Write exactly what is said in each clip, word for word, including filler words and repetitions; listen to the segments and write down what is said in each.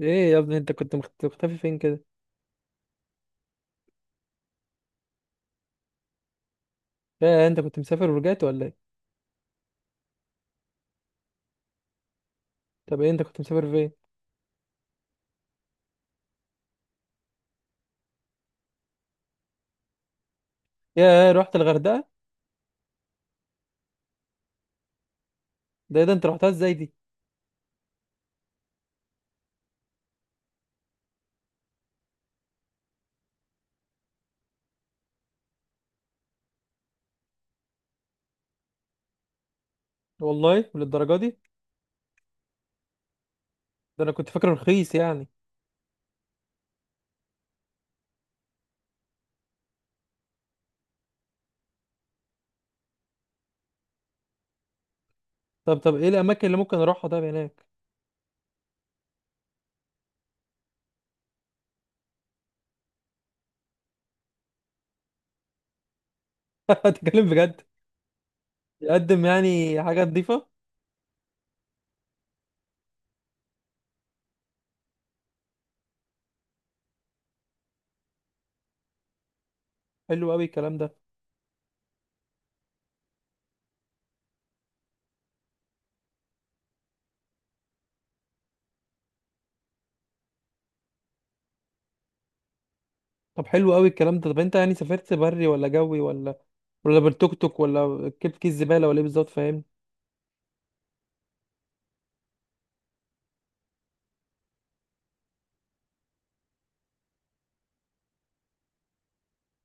ايه يا ابني، انت كنت مخت- مختفي فين كده؟ يا انت كنت مسافر ورجعت ولا ايه؟ طب ايه، انت كنت مسافر فين؟ يا رحت الغردقه؟ ده ايه ده؟ انت رحتها ازاي دي؟ والله للدرجه دي؟ ده انا كنت فاكره رخيص يعني. طب طب ايه الاماكن اللي ممكن اروحها طب، هناك؟ تتكلم بجد؟ يقدم يعني حاجه نظيفه؟ حلو قوي الكلام ده. طب حلو قوي الكلام ده. طب انت يعني سافرت بري ولا جوي ولا ولا بالتوك توك ولا كيف كيس زباله ولا ايه بالظبط، فاهم؟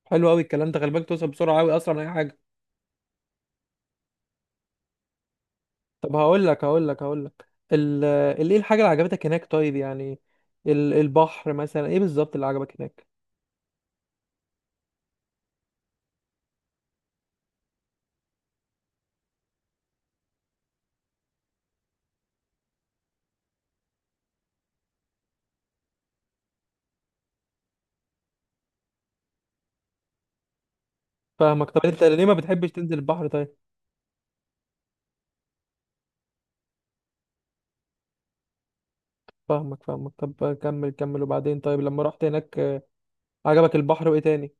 حلو قوي الكلام ده، خلي بالك توصل بسرعه قوي اسرع من اي حاجه. طب هقول لك هقول لك هقول لك ال ال- ايه الحاجة اللي عجبتك هناك طيب يعني؟ ال- البحر مثلا، ايه بالظبط اللي عجبك هناك؟ فاهمك. طب انت ليه ما بتحبش تنزل البحر طيب؟ فاهمك، فاهمك. طب كمل كمل وبعدين طيب، لما رحت هناك آه، عجبك البحر وايه تاني؟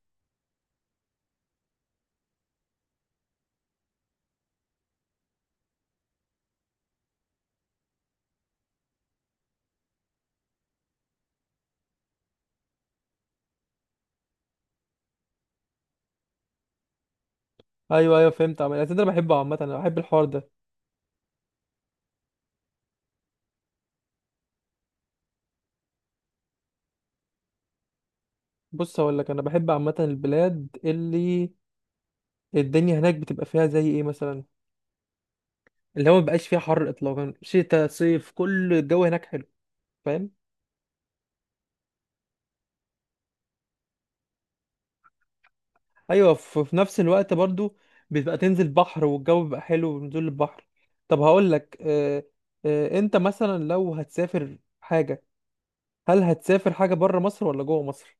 ايوه، ايوه، فهمت عم- أصل انا بحبه عامة، انا بحب الحوار ده. بص هقول لك، انا بحب عامة البلاد اللي الدنيا هناك بتبقى فيها زي ايه مثلا، اللي هو ما بقاش فيها حر اطلاقا، شتاء صيف كل الجو هناك حلو، فاهم؟ ايوه، في في نفس الوقت برضو بتبقى تنزل بحر والجو بيبقى حلو بنزول البحر. طب هقول لك. آه آه انت مثلا لو هتسافر حاجه، هل هتسافر حاجه بره مصر ولا جوه مصر؟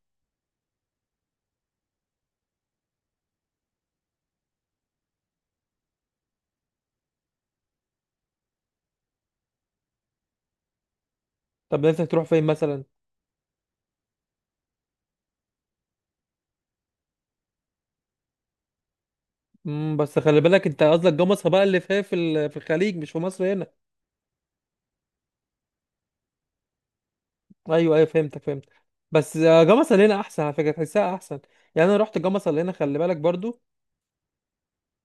طب نفسك تروح فين مثلا؟ مم بس خلي بالك، انت قصدك جوه مصر بقى اللي فيها في ال- في الخليج مش في مصر هنا. ايوه، ايوه، فهمتك، فهمتك. بس آه، جوه مصر هنا احسن، على فكره تحسها احسن. يعني انا رحت جوه مصر هنا، خلي بالك برضو.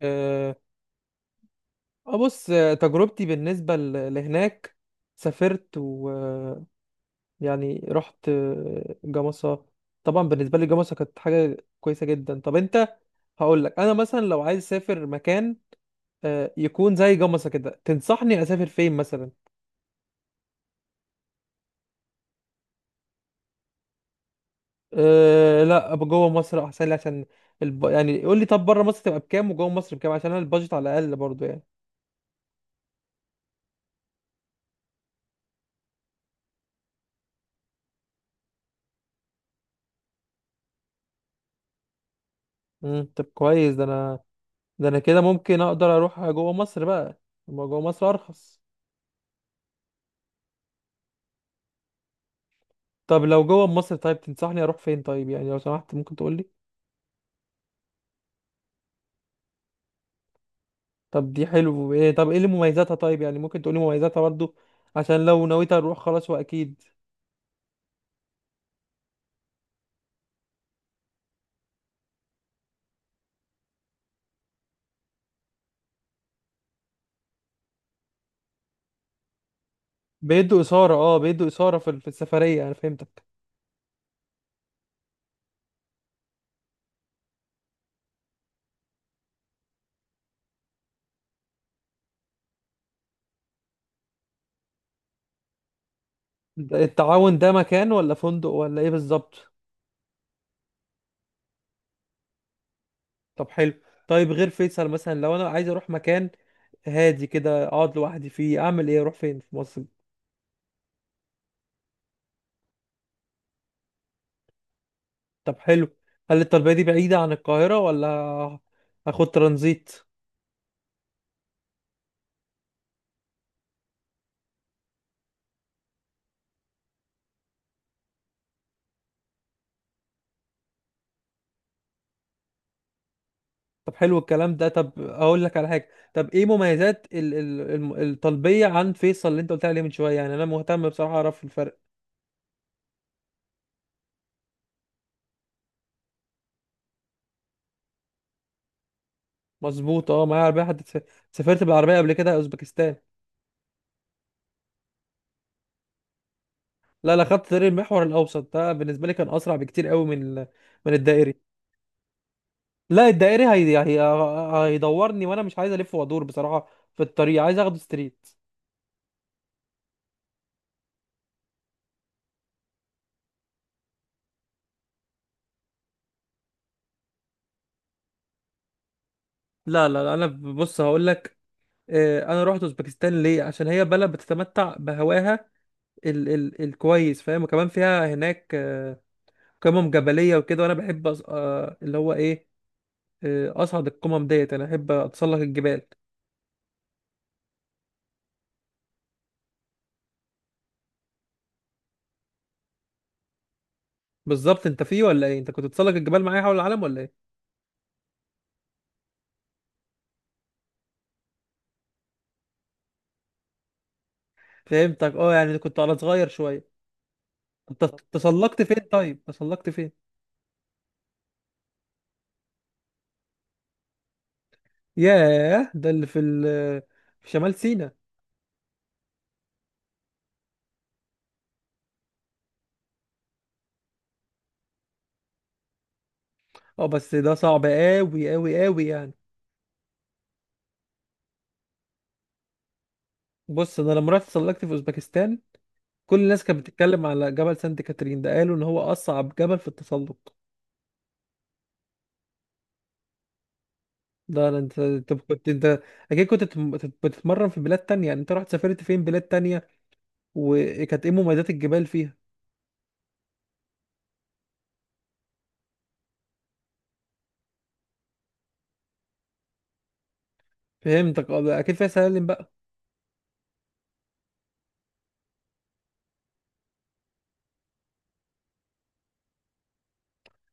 آه آه، بص، آه، تجربتي بالنسبه ل- لهناك، سافرت، يعني رحت آه، جمصة. طبعا بالنسبة لي جمصة كانت حاجة كويسة جدا. طب انت، هقول لك، انا مثلا لو عايز اسافر مكان آه، يكون زي جمصة كده، تنصحني اسافر فين مثلا؟ أه لا، أبقى جوه مصر احسن لي عشان الب... يعني قول لي، طب بره مصر تبقى بكام وجوه مصر بكام، عشان انا البادجت على الاقل برضو يعني. امم طب كويس. ده انا ده انا كده ممكن اقدر اروح جوه مصر بقى، ما جوه مصر ارخص. طب لو جوه مصر طيب، تنصحني اروح فين طيب يعني، لو سمحت ممكن تقول لي؟ طب دي حلو ايه؟ طب ايه اللي مميزاتها طيب يعني؟ ممكن تقولي مميزاتها برضو عشان لو نويت اروح، خلاص واكيد. بيدوا اثاره، اه بيدوا اثاره في في السفريه، انا فهمتك. ده- التعاون ده مكان ولا فندق ولا ايه بالظبط؟ طب حلو. طيب غير فيصل مثلا، لو انا عايز اروح مكان هادي كده اقعد لوحدي فيه، اعمل ايه؟ اروح فين في مصر؟ طب حلو. هل الطلبيه دي بعيده عن القاهره، ولا هاخد ترانزيت؟ طب حلو الكلام ده. طب اقول لك على حاجه، طب ايه مميزات ال ال الم- الطلبيه عن فيصل اللي انت قلت عليه من شويه؟ يعني انا مهتم بصراحه اعرف الفرق. مظبوط، اه معايا عربيه حد، سافرت بالعربيه قبل كده اوزبكستان. لا لا، خدت طريق المحور الاوسط، ده بالنسبه لي كان اسرع بكتير قوي من ال- من الدائري. لا الدائري هي يعني هي، هيدورني وانا مش عايز الف وادور بصراحه، في الطريق عايز اخد ستريت. لا لا لا، انا بص هقول لك، آه، انا رحت اوزبكستان ليه؟ عشان هي بلد بتتمتع بهواها ال ال الكويس، فاهم؟ وكمان فيها هناك آه، قمم جبلية وكده، وانا بحب أص- آه، اللي هو ايه، آه، اصعد القمم ديت، انا احب اتسلق الجبال. بالظبط، انت فيه ولا ايه؟ انت كنت تتسلق الجبال معايا حول العالم ولا ايه؟ فهمتك، اه يعني كنت على صغير شوية. انت تسلقت فين طيب؟ تسلقت فين؟ ياه، ده اللي في ال في شمال سيناء؟ اه بس ده صعب قوي قوي قوي يعني. بص انا لما رحت اتسلقت في اوزبكستان، كل الناس كانت بتتكلم على جبل سانت كاترين ده، قالوا ان هو اصعب جبل في التسلق. لا لا، انت. طب كنت انت، اكيد كنت بتتم- بتتمرن في بلاد تانية يعني، انت رحت سافرت فين بلاد تانية؟ وكانت ايه مميزات الجبال فيها؟ فهمتك، اه اكيد فيها سلالم بقى.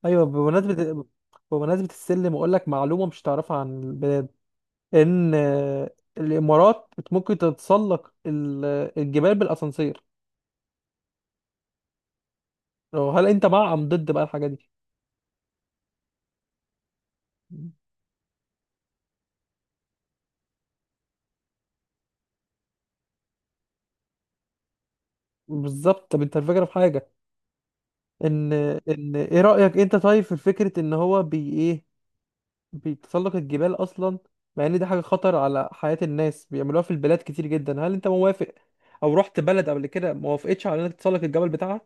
ايوه، بمناسبة بمناسبة السلم اقول لك معلومة مش تعرفها عن البلاد، ان آه، الامارات بت- ممكن تتسلق ال- الجبال بالاسانسير. لو- هل انت مع ام ضد بقى الحاجة دي؟ بالظبط. طب انت، الفكرة في حاجة، ان ان ايه رأيك انت طيب في فكرة ان هو بي ايه، بتسلق الجبال اصلا، مع ان دي حاجه خطر على حياه الناس بيعملوها في البلاد كتير جدا، هل انت موافق؟ او رحت بلد قبل كده ما وافقتش على انك تسلق الجبل بتاعها؟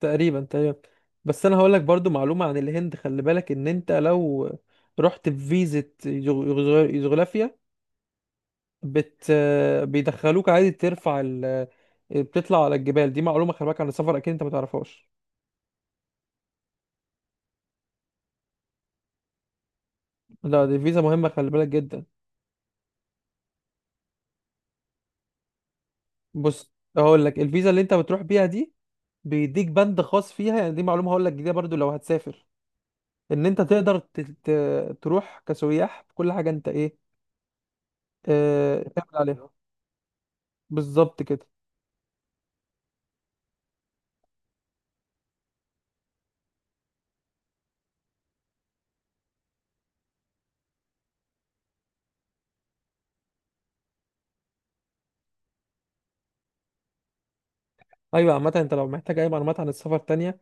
تقريبا، تقريبا. بس انا هقول لك برضو معلومه عن الهند، خلي بالك ان انت لو رحت بفيزا يوغ- يوغوسلافيا، بت بيدخلوك عادي ترفع ال بتطلع على الجبال. دي معلومه خلي بالك عن السفر اكيد انت ما تعرفهاش. لا دي فيزا مهمه خلي بالك جدا. بص هقول لك، الفيزا اللي انت بتروح بيها دي بيديك بند خاص فيها، يعني دي معلومه هقول لك جديده برضو لو هتسافر، ان انت تقدر ت- ت- تروح كسياح بكل حاجه انت ايه، اه تعمل عليها. بالظبط كده. ايوه، عامه انت لو محتاج اي معلومات عن السفر تانية،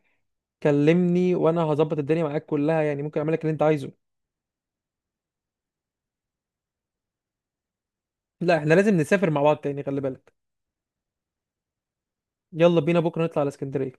كلمني وانا هظبط الدنيا معاك كلها، يعني ممكن اعمل لك اللي انت عايزه. لا احنا لازم نسافر مع بعض تاني، خلي بالك. يلا بينا بكره نطلع على اسكندريه.